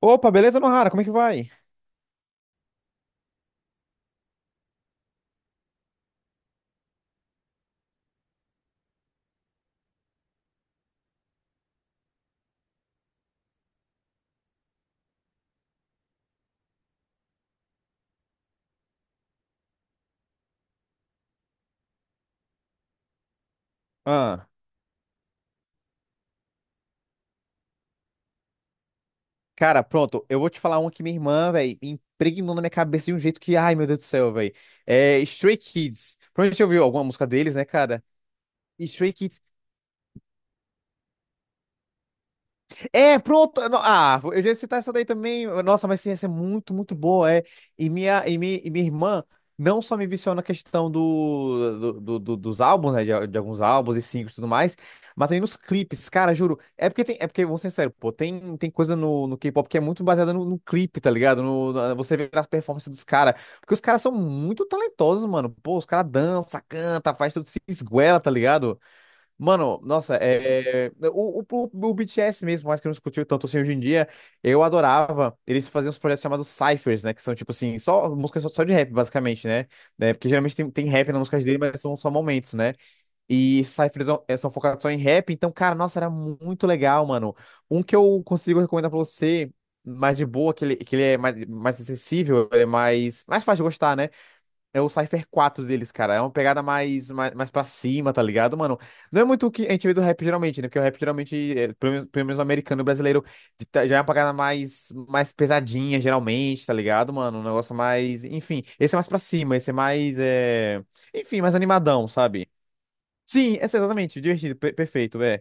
Opa, beleza, Nohara? Como é que vai? Ah, cara, pronto. Eu vou te falar uma que minha irmã, velho, impregnou na minha cabeça de um jeito que, ai, meu Deus do céu, velho. É Stray Kids. Provavelmente já ouviu alguma música deles, né, cara? E Stray Kids É, pronto. Ah, eu já ia citar essa daí também. Nossa, mas sim, essa é muito, muito boa. É. E minha irmã não só me viciou na questão dos álbuns, né? De alguns álbuns e singles e tudo mais, mas também nos clipes, cara, juro. É porque, vou ser sincero, pô, tem coisa no K-pop que é muito baseada no clipe, tá ligado? No, na- Você vê as performances dos caras. Porque os caras são muito talentosos, mano. Pô, os caras dançam, canta, faz tudo, se esguela, tá ligado? Mano, nossa, o BTS mesmo, mais que eu não escutei tanto assim hoje em dia, eu adorava. Eles faziam uns projetos chamados Cyphers, né? Que são tipo assim, só músicas só de rap, basicamente, né? Né, porque geralmente tem, tem rap nas músicas dele, mas são só momentos, né? E Cyphers são focados só em rap, então, cara, nossa, era muito legal, mano. Um que eu consigo recomendar pra você, mais de boa, que ele é mais acessível, ele é mais fácil de gostar, né? É o Cypher 4 deles, cara. É uma pegada mais pra cima, tá ligado, mano? Não é muito o que a gente vê do rap geralmente, né? Porque o rap geralmente, pelo menos o americano e o brasileiro, já é uma pegada mais pesadinha, geralmente, tá ligado, mano? Um negócio mais. Enfim, esse é mais pra cima, esse é mais. Enfim, mais animadão, sabe? Sim, esse é assim, exatamente, divertido, perfeito, é.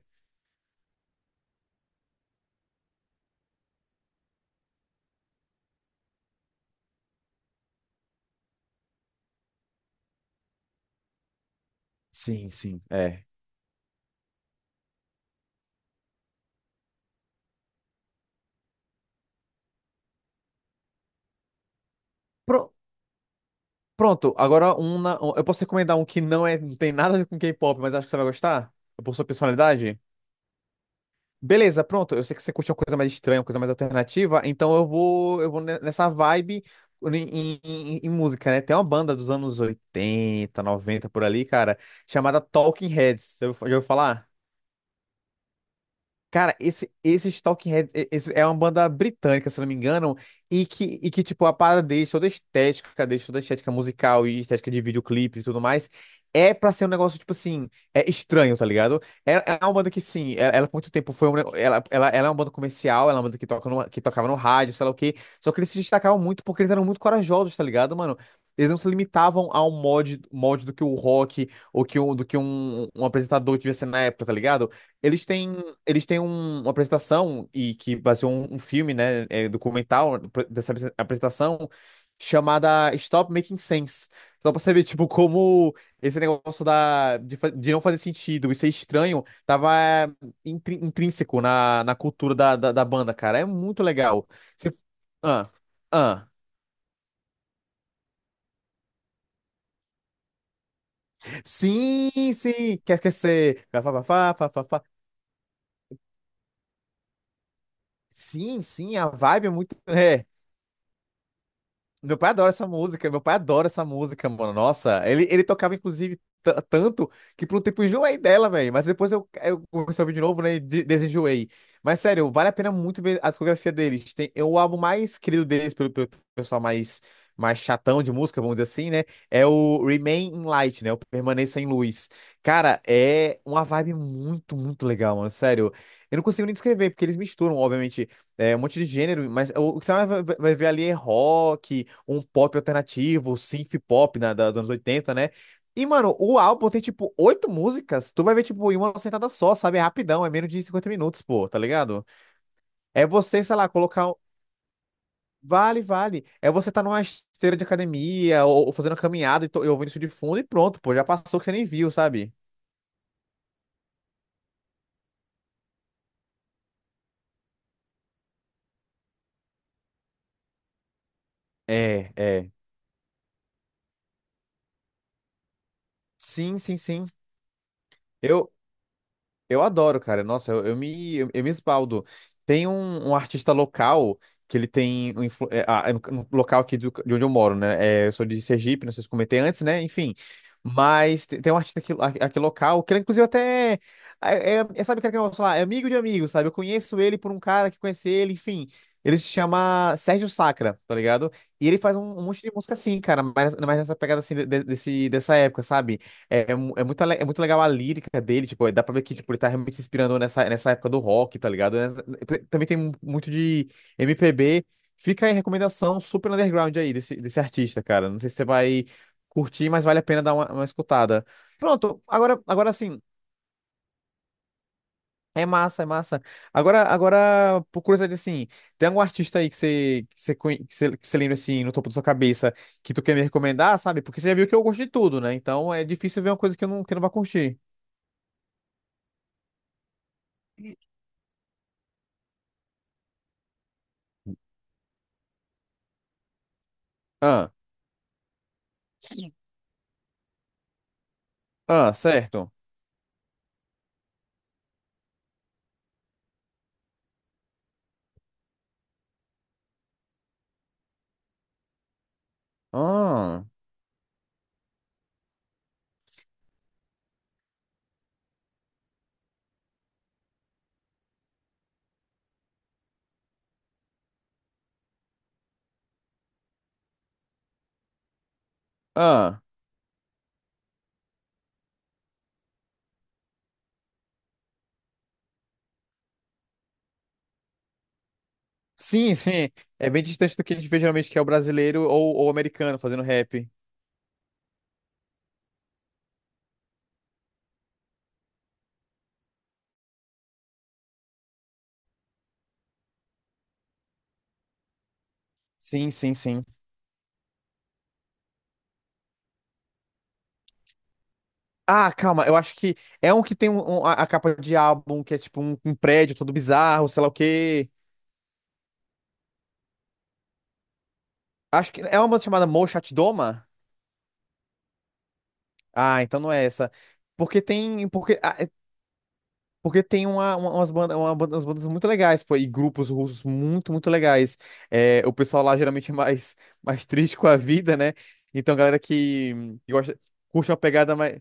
Sim, sim, é. Pro- Pronto, agora um, na- um- eu posso recomendar um que não tem nada a ver com K-pop, mas acho que você vai gostar? É. Por sua personalidade? Beleza, pronto. Eu sei que você curte uma coisa mais estranha, uma coisa mais alternativa, então eu vou nessa vibe em, música, né? Tem uma banda dos anos 80, 90 por ali, cara, chamada Talking Heads. Você já ouviu falar? Cara, esse, esses Talking Heads e- esse é uma banda britânica, se não me engano, e que tipo, a parada deles, toda a estética deles, toda a estética musical e estética de videoclipes e tudo mais, é pra ser um negócio, tipo assim, é estranho, tá ligado? É, é uma banda que, sim, ela por muito tempo foi um, ne- ela é uma banda comercial, ela é uma banda que tocava no rádio, sei lá o quê, só que eles se destacavam muito porque eles eram muito corajosos, tá ligado, mano? Eles não se limitavam ao mod do que o rock ou do que um apresentador devia ser na época, tá ligado? Eles têm eles têm uma apresentação e que baseou um filme, né, documental dessa apresentação chamada Stop Making Sense. Só pra saber, tipo, como esse negócio de não fazer sentido e ser estranho tava intrínseco na cultura da banda, cara. É muito legal. Você- Ah, ah. Sim, sim, quer esquecer. Fá, fá, fá, fá, fá, fá. Sim, sim, a vibe é muito. É. Meu pai adora essa música, meu pai adora essa música, mano. Nossa, ele tocava, inclusive, tanto que por um tempo eu enjoei dela, velho. Mas depois eu comecei a ouvir de novo, né? E desenjoei. Mas sério, vale a pena muito ver a discografia deles. Tem, é o álbum mais querido deles, pelo pessoal mais chatão de música, vamos dizer assim, né? É o Remain in Light, né? O Permaneça em Luz. Cara, é uma vibe muito, muito legal, mano. Sério. Eu não consigo nem descrever, porque eles misturam, obviamente. É, um monte de gênero, mas o que você ver ali é rock, um pop alternativo, synth pop né, dos anos 80, né? E, mano, o álbum tem, tipo, oito músicas, tu vai ver, tipo, em uma sentada só, sabe? É rapidão, é menos de 50 minutos, pô, tá ligado? É você, sei lá, colocar... Vale, vale. É você tá numa esteira de academia ou fazendo uma caminhada e ouvindo isso de fundo e pronto, pô, já passou que você nem viu, sabe? É, é. Sim, sim, sim. eu Eu adoro, cara. Nossa, eu me esbaldo. Tem um artista local que ele tem. É no local aqui de onde eu moro, né? É, eu sou de Sergipe, não sei se comentei antes, né? Enfim. Mas tem um artista aqui, aqui local, que ele, inclusive até. É, sabe aquele que eu falar? É amigo de amigo, sabe? Eu conheço ele por um cara que conhece ele, enfim. Ele se chama Sérgio Sacra, tá ligado? E ele faz um monte de música assim, cara, mas nessa pegada assim dessa época, sabe? É muito legal a lírica dele, tipo, dá pra ver que tipo, ele tá realmente se inspirando nessa época do rock, tá ligado? Também tem muito de MPB. Fica aí a recomendação super underground aí desse artista, cara. Não sei se você vai curtir, mas vale a pena dar uma escutada. Pronto, agora sim, é massa, é massa. Agora, por curiosidade, assim, tem algum artista aí que você, conhe- que você lembra, assim, no topo da sua cabeça, que tu quer me recomendar, sabe? Porque você já viu que eu gosto de tudo, né? Então é difícil ver uma coisa que eu não vá curtir. Ah. Ah, certo. Ah, ah. Sim, sim. É bem distante do que a gente vê geralmente, que é o brasileiro ou o americano fazendo rap. Sim, sim, sim. Ah, calma, eu acho que é um que tem a capa de álbum que é tipo um prédio todo bizarro, sei lá o quê. Acho que é uma banda chamada Mo Chat Doma? Ah, então não é essa. Porque tem. Porque tem umas bandas muito legais, pô, e grupos russos muito, muito legais. É, o pessoal lá geralmente é mais, mais triste com a vida, né? Então, a galera que gosta, curte uma pegada mais.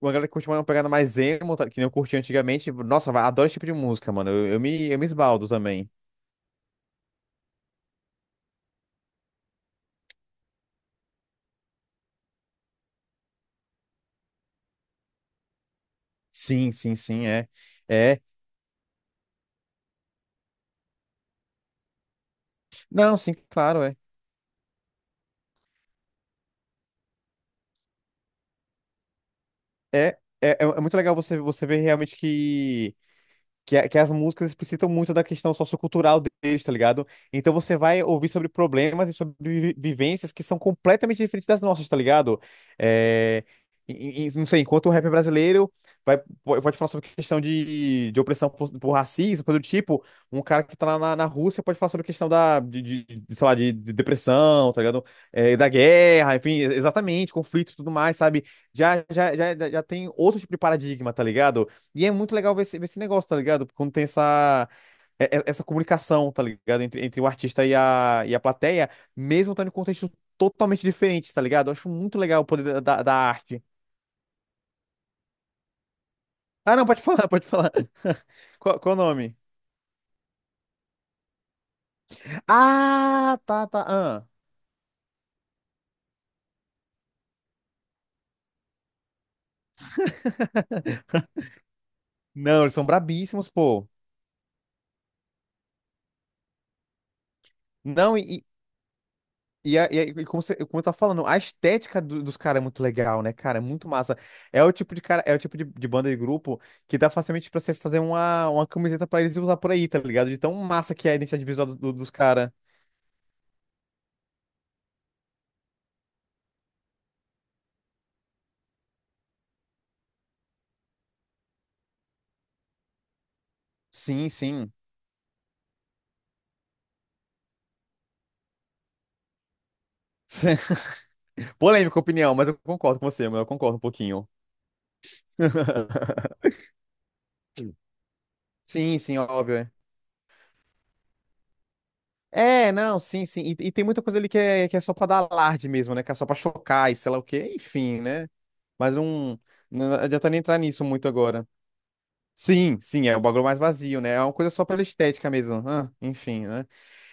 Uma galera que curte uma pegada mais emo, tá, que nem eu curti antigamente. Nossa, adoro esse tipo de música, mano. Eu me esbaldo também. Sim, sim, sim, é. É. Não, sim, claro, é. É muito legal você, ver realmente que. Que, as músicas explicitam muito da questão sociocultural deles, tá ligado? Então você vai ouvir sobre problemas e sobre vivências que são completamente diferentes das nossas, tá ligado? É, não sei, enquanto o rap brasileiro pode falar sobre questão de opressão por racismo, coisa do tipo, um cara que tá lá na Rússia pode falar sobre questão de, sei lá, de depressão, tá ligado? É, da guerra, enfim, exatamente, conflito e tudo mais, sabe? Já tem outro tipo de paradigma, tá ligado? E é muito legal ver esse negócio, tá ligado? Quando tem essa comunicação, tá ligado? Entre o artista e a plateia, mesmo estando em contextos totalmente diferentes, tá ligado? Eu acho muito legal o poder da arte. Ah, não, pode falar, pode falar. Qual o nome? Ah, tá, tá. Ah. Não, eles são brabíssimos, pô. Não, e, como eu tava falando, a estética dos caras é muito legal, né, cara? É muito massa. É o tipo de cara, é o tipo de banda e grupo que dá facilmente pra você fazer uma camiseta pra eles usar por aí, tá ligado? De tão massa que é a identidade visual dos caras. Sim, sim. Polêmica opinião, mas eu concordo com você, eu concordo um pouquinho. Sim, sim, óbvio, é. É, não, sim, sim. E tem muita coisa ali que é só pra dar alarde mesmo, né? Que é só pra chocar e sei lá o quê, enfim, né? Mas não adianta nem entrar nisso muito agora. Sim, sim, é o bagulho mais vazio, né? É uma coisa só pela estética mesmo. Ah, enfim, né?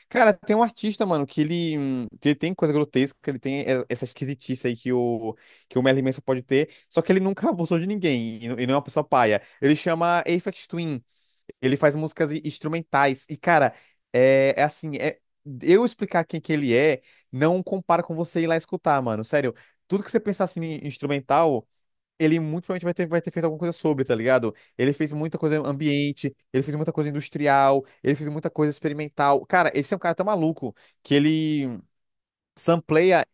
Cara, tem um artista, mano, que ele tem coisa grotesca, ele tem essa esquisitice aí que o Merlin Manson pode ter, só que ele nunca abusou de ninguém, e não é uma pessoa paia. Ele chama Aphex Twin, ele faz músicas instrumentais, e cara, é assim, eu explicar quem que ele é, não compara com você ir lá escutar, mano, sério. Tudo que você pensar assim em instrumental ele muito provavelmente vai ter feito alguma coisa sobre, tá ligado? Ele fez muita coisa ambiente, ele fez muita coisa industrial, ele fez muita coisa experimental. Cara, esse é um cara tão maluco que ele sampleia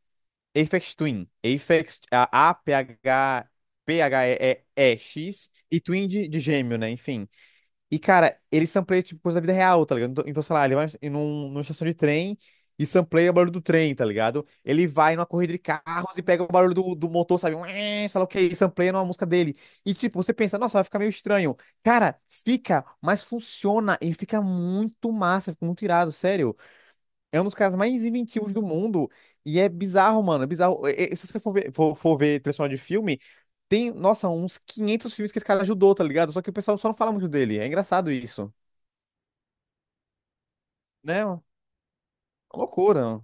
Aphex Twin, Aphex A-P-H, P-H-E-E-X, e E X, e Twin de gêmeo, né? Enfim. E, cara, ele sampleia, tipo, coisa da vida real, tá ligado? Então, sei lá, ele vai numa estação de trem e sampleia o barulho do trem, tá ligado? Ele vai numa corrida de carros e pega o barulho do motor, sabe? Sei lá o que, e sampleia numa música dele. E, tipo, você pensa, nossa, vai ficar meio estranho. Cara, fica, mas funciona e fica muito massa, fica muito irado, sério. É um dos caras mais inventivos do mundo. E é bizarro, mano. É bizarro. Se você for ver, for ver trilha sonora de filme, tem, nossa, uns 500 filmes que esse cara ajudou, tá ligado? Só que o pessoal só não fala muito dele. É engraçado isso, né? É uma loucura.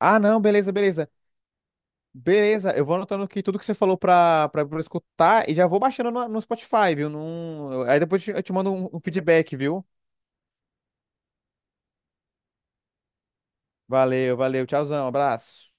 Ah, não, beleza, beleza. Beleza, eu vou anotando aqui tudo que você falou pra eu escutar e já vou baixando no Spotify, viu? Aí depois eu te mando um feedback, viu? Valeu, valeu. Tchauzão, abraço.